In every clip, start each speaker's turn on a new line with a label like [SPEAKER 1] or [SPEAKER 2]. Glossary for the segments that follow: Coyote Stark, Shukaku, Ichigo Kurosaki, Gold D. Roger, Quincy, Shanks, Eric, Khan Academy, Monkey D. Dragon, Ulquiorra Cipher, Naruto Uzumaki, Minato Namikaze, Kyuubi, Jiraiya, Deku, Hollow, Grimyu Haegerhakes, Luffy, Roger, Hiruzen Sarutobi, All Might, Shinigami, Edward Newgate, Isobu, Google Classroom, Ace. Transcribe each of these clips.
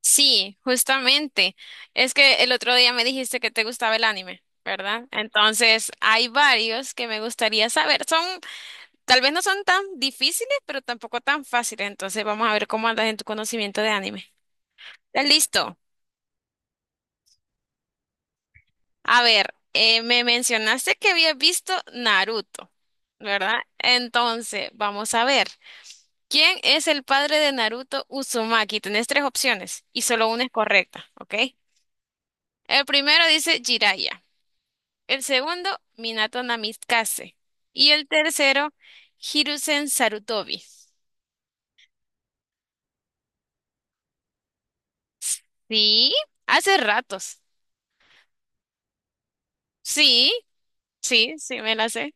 [SPEAKER 1] Sí, justamente. Es que el otro día me dijiste que te gustaba el anime, ¿verdad? Entonces, hay varios que me gustaría saber. Son, tal vez no son tan difíciles, pero tampoco tan fáciles. Entonces, vamos a ver cómo andas en tu conocimiento de anime. ¿Estás listo? A ver, me mencionaste que habías visto Naruto, ¿verdad? Entonces, vamos a ver. ¿Quién es el padre de Naruto Uzumaki? Tenés tres opciones y solo una es correcta, ¿ok? El primero dice Jiraiya. El segundo, Minato Namikaze. Y el tercero, Hiruzen Sarutobi. Sí, hace ratos. Sí, sí, sí, me la sé.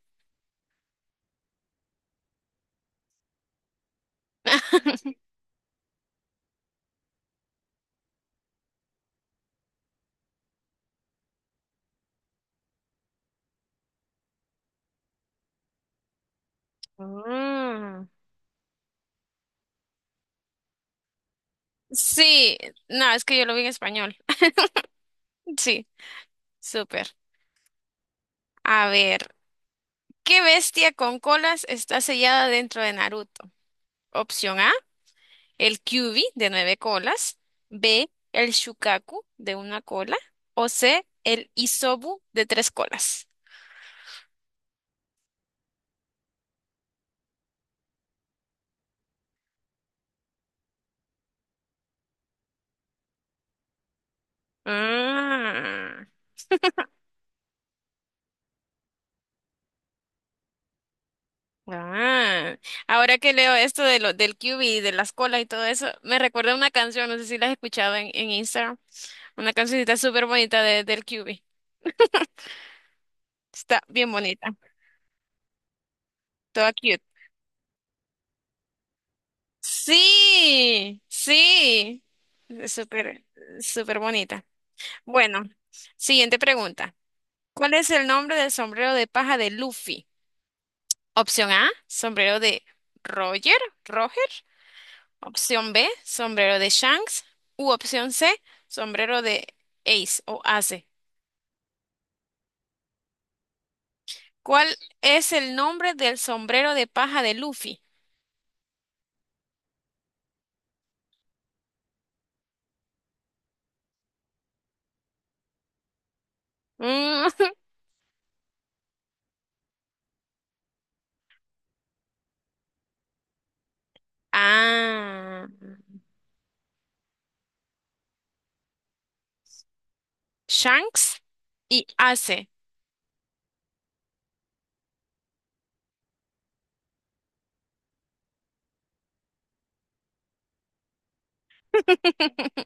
[SPEAKER 1] Mm. Sí, no, es que yo lo vi en español. Sí, súper. A ver, ¿qué bestia con colas está sellada dentro de Naruto? Opción A, el Kyuubi de nueve colas. B, el Shukaku de una cola. O C, el Isobu de tres colas. Ah, ah. Ahora que leo esto del QB y de las colas y todo eso, me recuerda una canción, no sé si la has escuchado en Instagram, una cancioncita súper bonita del Q-B. Está bien bonita, toda cute. Sí, sí, es súper, súper bonita. Bueno, siguiente pregunta. ¿Cuál es el nombre del sombrero de paja de Luffy? Opción A, sombrero de Roger, Roger. Opción B, sombrero de Shanks. U opción C, sombrero de Ace o Ace. ¿Cuál es el nombre del sombrero de paja de Luffy? Mm, Ah, Shanks y Ace.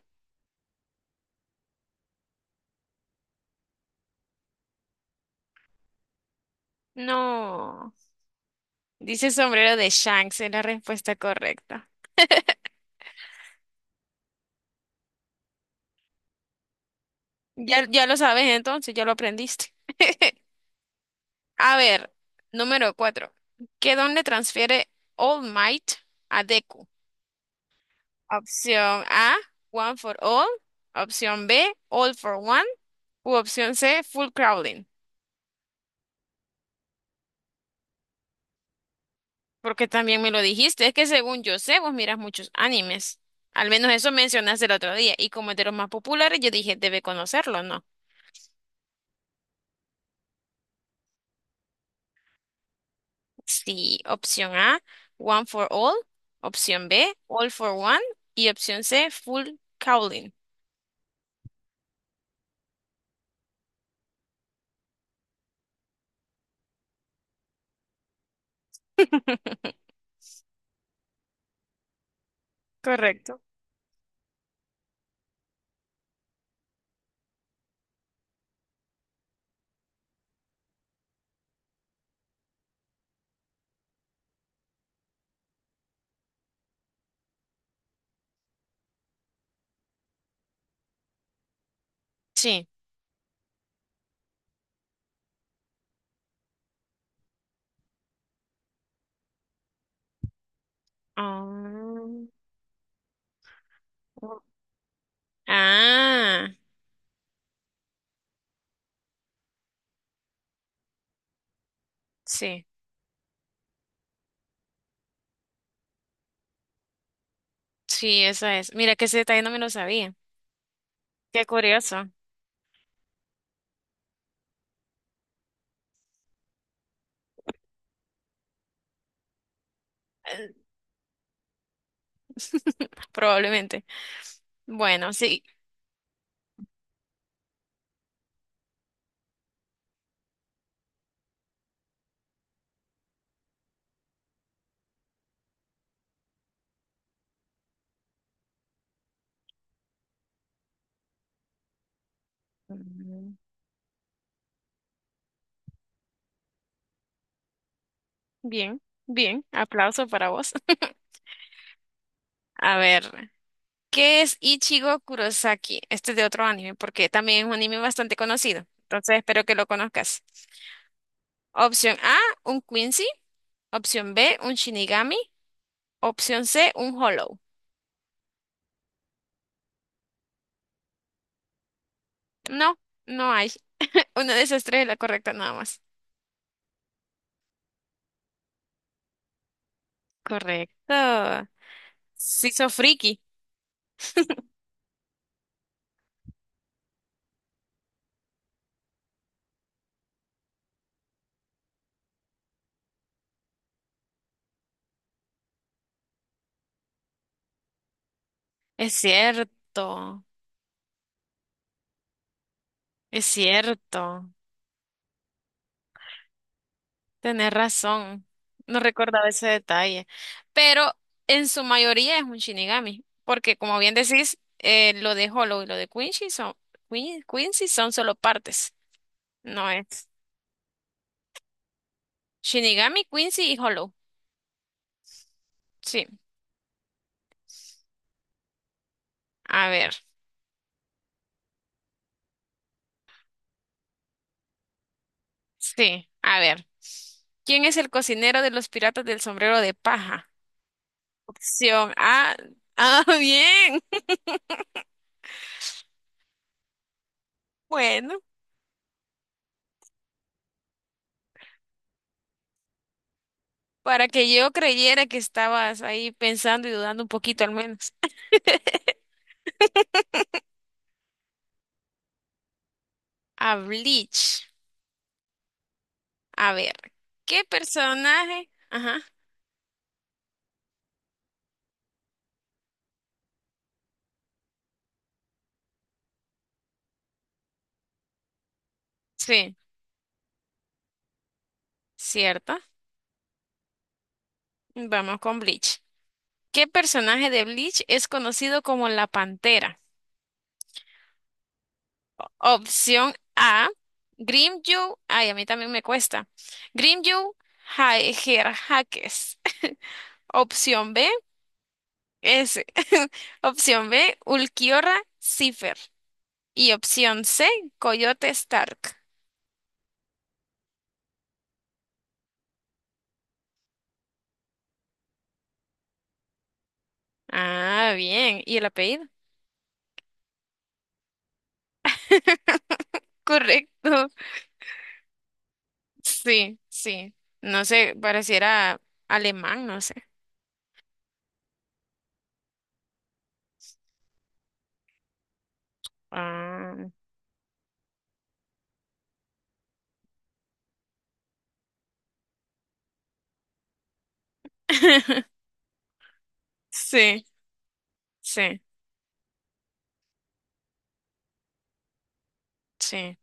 [SPEAKER 1] No, dice sombrero de Shanks, es la respuesta correcta. Ya, ya lo sabes entonces, ya lo aprendiste. A ver, número cuatro. ¿Qué don le transfiere All Might a Deku? Opción A, one for all. Opción B, all for one. U opción C, full crawling. Porque también me lo dijiste, es que según yo sé, vos miras muchos animes. Al menos eso mencionaste el otro día. Y como es de los más populares, yo dije, debe conocerlo, ¿no? Sí, opción A, one for all. Opción B, all for one. Y opción C, full crawling. Correcto. Sí. Ah, ah, sí. Sí, esa es. Mira que ese detalle no me lo sabía. Qué curioso. Eh, Probablemente. Bueno, sí. Mm, bien, bien. Aplauso para vos. A ver. ¿Qué es Ichigo Kurosaki? Este es de otro anime, porque también es un anime bastante conocido. Entonces espero que lo conozcas. Opción A, un Quincy. Opción B, un Shinigami. Opción C, un Hollow. No, no hay. Una de esas tres es la correcta nada más. Correcto. Sí, sos friki. Es cierto. Es cierto. Tenés razón, no recordaba ese detalle, pero en su mayoría es un Shinigami, porque como bien decís, lo de Hollow y lo de Quincy son, Quincy son solo partes, no es Shinigami, Quincy y Hollow. Sí, a ver, sí, a ver. ¿Quién es el cocinero de los piratas del sombrero de paja? Opción A. Ah, bien. Bueno, para que yo creyera que estabas ahí pensando y dudando un poquito al menos. A Bleach. A ver, ¿qué personaje? Ajá, sí, cierto. Vamos con Bleach. ¿Qué personaje de Bleach es conocido como la Pantera? Opción A, Grimyu. Ay, a mí también me cuesta. Grimyu Haegerhakes. Opción B, S. Opción B, Ulquiorra Cipher. Y opción C, Coyote Stark. Ah, bien. ¿Y el apellido? Correcto. Sí, sí. No sé, pareciera alemán, no sé. Ah, sí, sí, sí.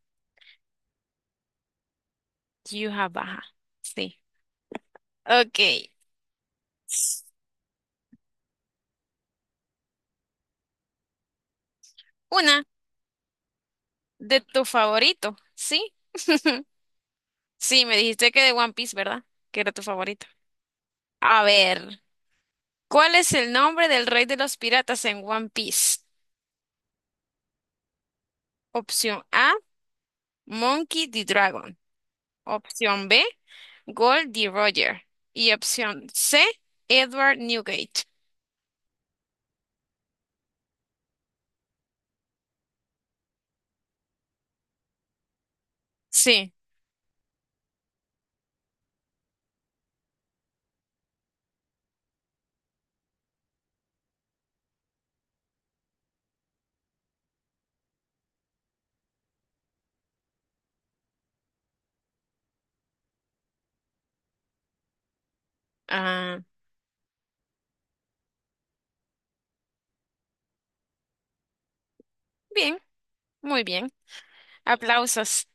[SPEAKER 1] Yuja baja. Sí. Ok. Una de tu favorito, ¿sí? Sí, me dijiste que de One Piece, ¿verdad? Que era tu favorito. A ver, ¿cuál es el nombre del rey de los piratas en One Piece? Opción A, Monkey D. Dragon. Opción B, Gold D. Roger. Y opción C, Edward Newgate. Sí. Ah, bien, muy bien. Aplausos.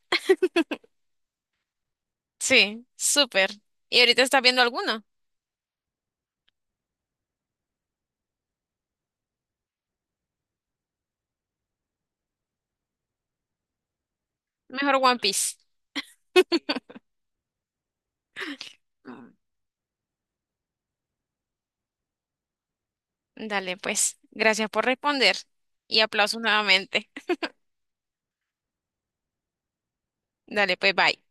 [SPEAKER 1] Sí, súper. ¿Y ahorita estás viendo alguno? Mejor One Piece. Mm, dale, pues. Gracias por responder. Y aplausos nuevamente. Dale, pues, bye.